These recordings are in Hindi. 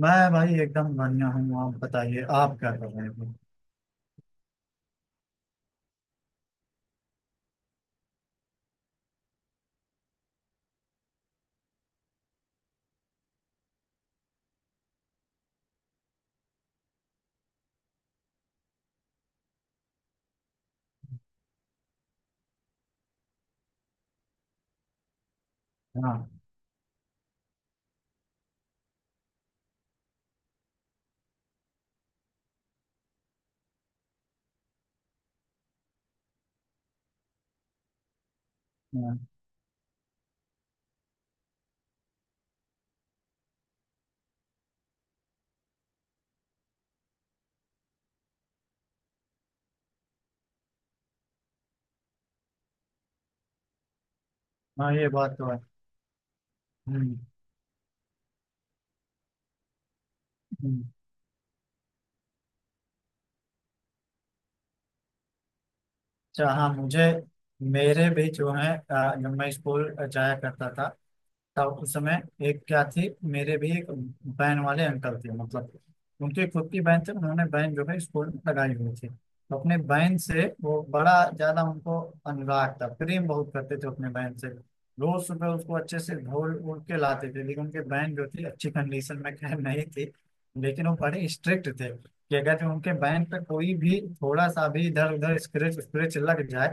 मैं भाई एकदम बढ़िया हूँ। आप बताइए, आप क्या कर रहे हो। हाँ, हाँ, हाँ, ये बात तो है। हम्म, हम्म। अच्छा, हाँ, मुझे मेरे भी जो है जब मैं स्कूल जाया करता था उस समय। एक क्या थी, मेरे भी एक बहन वाले अंकल थे मतलब। उनके खुद की बहन थे, उन्होंने बहन जो है स्कूल में लगाई हुई थी, तो अपने बहन से वो बड़ा ज्यादा उनको अनुराग था, प्रेम बहुत करते थे अपने बहन से। रोज सुबह उसको अच्छे से धो उड़ के लाते थे, लेकिन उनके बहन जो थी अच्छी कंडीशन में खैर नहीं थी। लेकिन वो बड़े स्ट्रिक्ट थे कि अगर जो उनके बहन पे कोई भी थोड़ा सा भी इधर उधर स्क्रैच स्क्रैच लग जाए,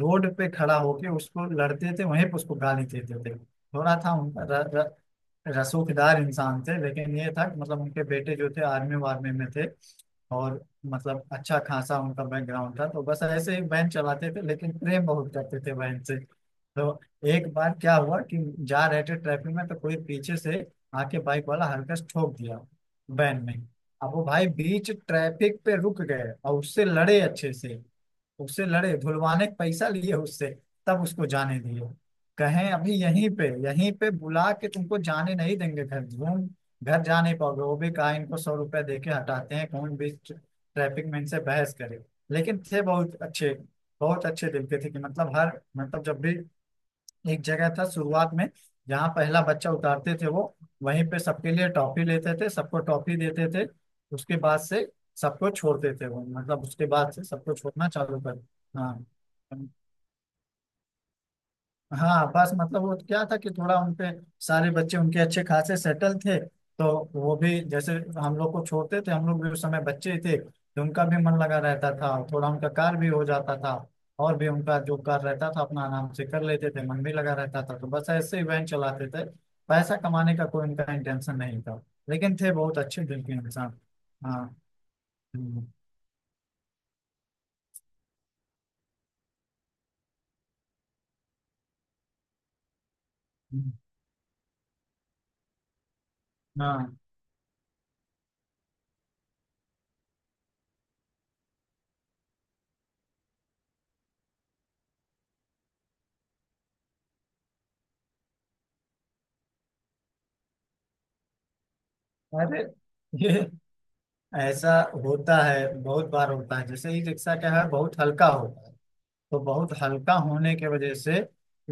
रोड पे खड़ा होके उसको लड़ते थे, वहीं पे उसको गाली देते थे। थोड़ा था उन र, र, रसूखदार इंसान थे, लेकिन ये था कि मतलब उनके बेटे जो थे आर्मी वार्मी में थे, और मतलब अच्छा खासा उनका बैकग्राउंड था, तो बस ऐसे ही वैन चलाते थे, लेकिन प्रेम बहुत करते थे वैन से। तो एक बार क्या हुआ कि जा रहे थे ट्रैफिक में, तो कोई पीछे से आके बाइक वाला हल्का से ठोक दिया वैन में। अब वो भाई बीच ट्रैफिक पे रुक गए और उससे लड़े अच्छे से, उससे लड़े, धुलवाने का पैसा लिए उससे, तब उसको जाने दिए। कहें अभी यहीं पे बुला के तुमको जाने नहीं देंगे, घर घूम, घर जा नहीं पाओगे। वो भी कहा, इनको सौ रुपया दे के हटाते हैं, कौन भी ट्रैफिक में इनसे बहस करे। लेकिन थे बहुत अच्छे, बहुत अच्छे दिल के थे कि मतलब हर मतलब जब भी एक जगह था शुरुआत में जहाँ पहला बच्चा उतारते थे, वो वहीं पे सबके लिए टॉफी लेते थे, सबको टॉफी देते थे। उसके बाद से सबको छोड़ते थे, वो मतलब उसके बाद से सबको छोड़ना चालू कर। हाँ, हाँ, बस मतलब वो क्या था कि थोड़ा उनपे सारे बच्चे उनके अच्छे खासे सेटल थे, तो वो भी जैसे हम लोग को छोड़ते थे, हम लोग भी उस समय बच्चे ही थे, तो उनका भी मन लगा रहता था, थोड़ा उनका कार्य भी हो जाता था। और भी उनका जो कार्य रहता था, अपना आराम से कर लेते थे, मन भी लगा रहता था, तो बस ऐसे इवेंट चलाते थे। पैसा कमाने का कोई उनका इंटेंशन नहीं था, लेकिन थे बहुत अच्छे दिल के इंसान। हाँ। हम्म, हम्म, हाँ। अरे, ये ऐसा होता है, बहुत बार होता है, जैसे ई रिक्शा क्या है बहुत हल्का होता है, तो बहुत हल्का होने के वजह से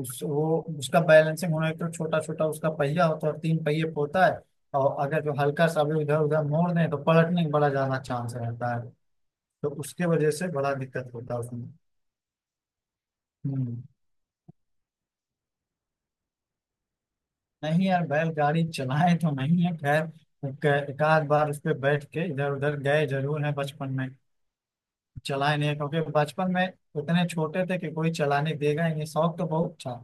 उस वो उसका बैलेंसिंग होने तो छोटा छोटा उसका पहिया होता है और तीन पहिए पे होता है। और अगर जो हल्का सा भी इधर उधर मोड़ दें तो पलटने का बड़ा ज्यादा चांस रहता है, तो उसके वजह से बड़ा दिक्कत होता है उसमें। हम्म। नहीं यार, बैलगाड़ी चलाए तो नहीं है, खैर एक एक आध बार उस पर बैठ के इधर उधर गए जरूर है बचपन में। चलाए नहीं है, क्योंकि बचपन में उतने छोटे थे कि कोई चलाने देगा ही नहीं, शौक तो बहुत था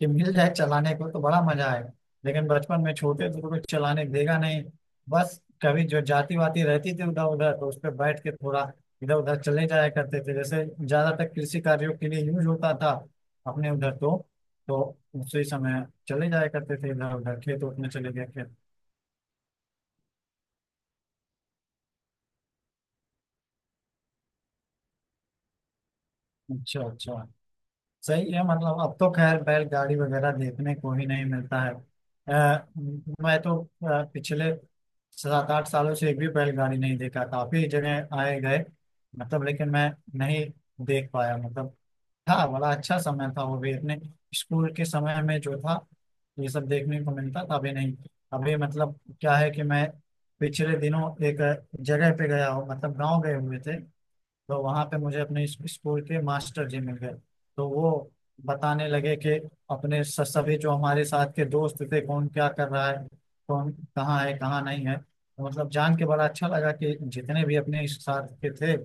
कि मिल जाए चलाने को तो बड़ा मजा आएगा, लेकिन बचपन में छोटे थे तो कोई चलाने देगा नहीं। बस कभी जो जाती वाती रहती थी उधर उधर, तो उस पर बैठ के थोड़ा इधर उधर चले जाया करते थे, जैसे ज्यादातर कृषि कार्यों के लिए यूज होता था अपने उधर, तो उसी समय चले जाया करते थे इधर उधर, खेत उत में चले गए खेत। अच्छा, अच्छा। सही है, मतलब अब तो खैर बैलगाड़ी वगैरह देखने को ही नहीं मिलता है। मैं तो पिछले 7-8 सालों से एक भी बैलगाड़ी नहीं देखा, काफी जगह आए गए, मतलब, लेकिन मैं नहीं देख पाया, मतलब था बड़ा अच्छा समय था वो भी अपने स्कूल के समय में जो था ये सब देखने को मिलता था, अभी नहीं। अभी मतलब क्या है कि मैं पिछले दिनों एक जगह पे गया हूँ, मतलब गाँव गए हुए थे, तो वहां पे मुझे अपने स्कूल के मास्टर जी मिल गए, तो वो बताने लगे कि अपने सभी जो हमारे साथ के दोस्त थे कौन क्या कर रहा है, कौन कहाँ है, कहाँ नहीं है, तो मतलब जान के बड़ा अच्छा लगा कि जितने भी अपने इस साथ के थे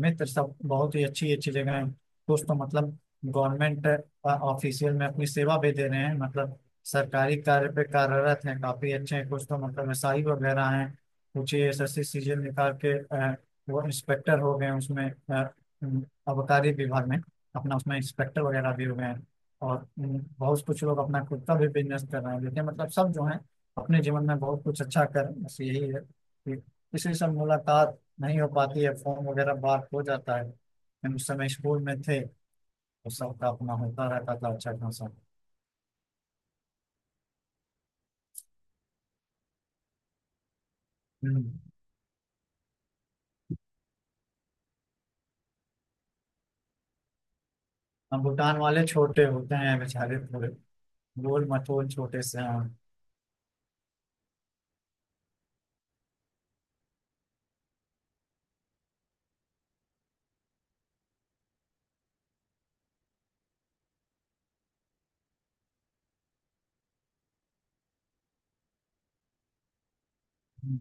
मित्र सब बहुत ही अच्छी अच्छी जगह हैं। कुछ तो मतलब गवर्नमेंट ऑफिशियल में अपनी सेवा भी दे रहे हैं, मतलब सरकारी कार्य पे कार्यरत हैं, काफी अच्छे हैं, कुछ तो मतलब एसआई वगैरह हैं, कुछ एसएससी सीजन निकाल के वो इंस्पेक्टर हो गए उसमें, अ, आबकारी विभाग में अपना उसमें इंस्पेक्टर वगैरह भी हो गए हैं, और बहुत कुछ लोग अपना खुद का भी बिजनेस कर रहे हैं। देखिए, मतलब सब जो है अपने जीवन में बहुत कुछ अच्छा कर, बस यही है कि किसी से मुलाकात नहीं हो पाती है, फोन वगैरह बात हो जाता है, लेकिन उस समय स्कूल में थे तो सबका अपना होता रहता था अच्छा खासा। हम्म, हम भूटान वाले छोटे होते हैं बेचारे, थोड़े गोल मटोल छोटे से हैं। हम्म,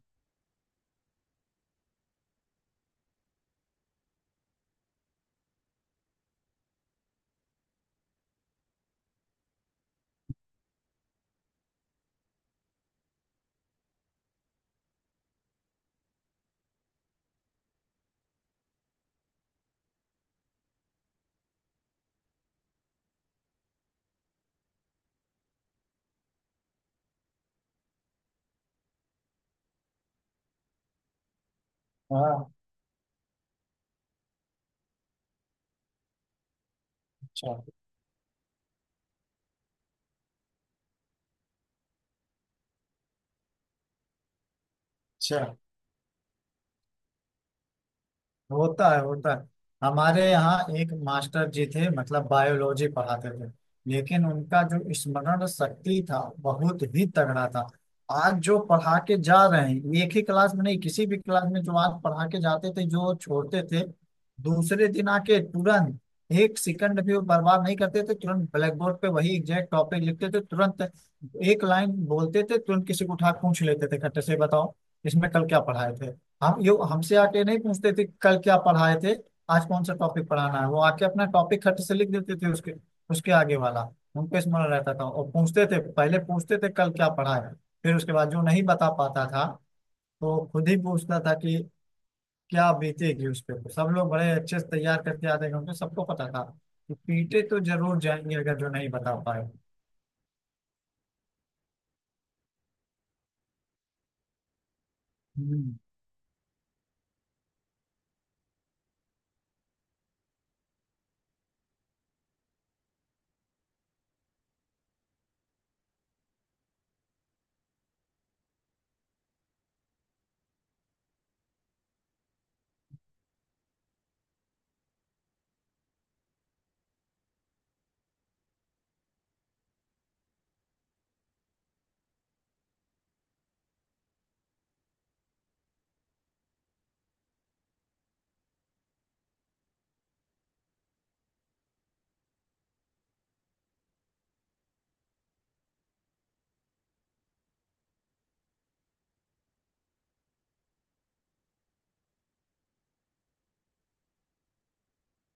हाँ, अच्छा, अच्छा, होता है, होता है। हमारे यहाँ एक मास्टर जी थे, मतलब बायोलॉजी पढ़ाते थे, लेकिन उनका जो स्मरण शक्ति था बहुत ही तगड़ा था। आज जो पढ़ा के जा रहे हैं एक ही क्लास में नहीं, किसी भी क्लास में जो आज पढ़ा के जाते थे, जो छोड़ते थे, दूसरे दिन आके तुरंत एक सेकंड भी वो बर्बाद नहीं करते थे, तुरंत ब्लैक बोर्ड पे वही एग्जैक्ट टॉपिक लिखते थे, तुरंत एक लाइन बोलते थे, तुरंत किसी को उठा के पूछ लेते थे, खट्टे से बताओ इसमें कल क्या पढ़ाए थे। हम यो हमसे आके नहीं पूछते थे कि कल क्या पढ़ाए थे, आज कौन सा टॉपिक पढ़ाना है, वो आके अपना टॉपिक खट से लिख देते थे उसके उसके आगे वाला उनको स्मरण रहता था, और पूछते थे, पहले पूछते थे कल क्या पढ़ाया, फिर उसके बाद जो नहीं बता पाता था, तो खुद ही पूछता था कि क्या बीतेगी उस पे, सब लोग बड़े अच्छे से तैयार करके आते थे, उनको सबको पता था कि पीटे तो जरूर जाएंगे अगर जो नहीं बता पाए। हम्म,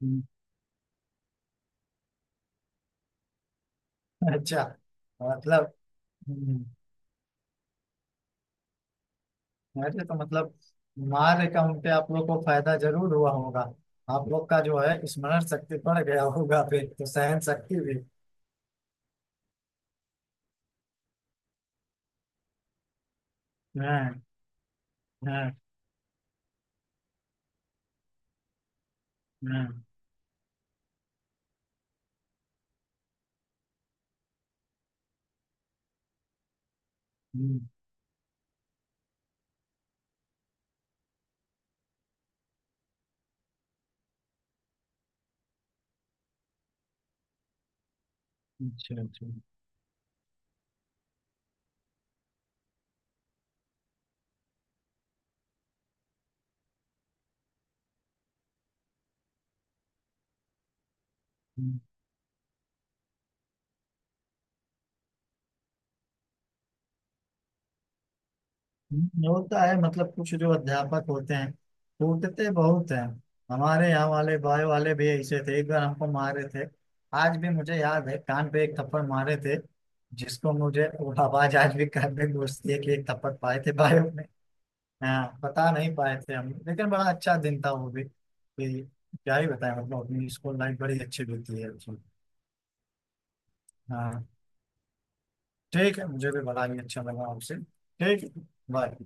हम्म। अच्छा। मतलब, हम्म, अरे तो मतलब मार अकाउंट पे आप लोग को फायदा जरूर हुआ होगा, आप लोग का जो है स्मरण शक्ति बढ़ गया होगा, फिर तो सहन शक्ति भी। हाँ, हाँ, हाँ। हम्म, अच्छा, अच्छा। हम्म, हम्म। होता है, मतलब कुछ जो अध्यापक होते हैं कूटते बहुत हैं, हमारे यहाँ वाले बायो वाले भी ऐसे थे, एक बार हमको मारे थे, आज भी मुझे याद है, कान पे एक थप्पड़ मारे थे, जिसको मुझे वो आवाज आज भी कान में गूंजती है कि एक थप्पड़ पाए थे बायो। हाँ, बता नहीं पाए थे हम, लेकिन बड़ा अच्छा दिन था वो भी, कि क्या ही बताएं, मतलब अपनी स्कूल लाइफ बड़ी अच्छी बीती है उसमें। हाँ, ठीक है, मुझे भी बड़ा ही अच्छा लगा आपसे, ठीक। बाय।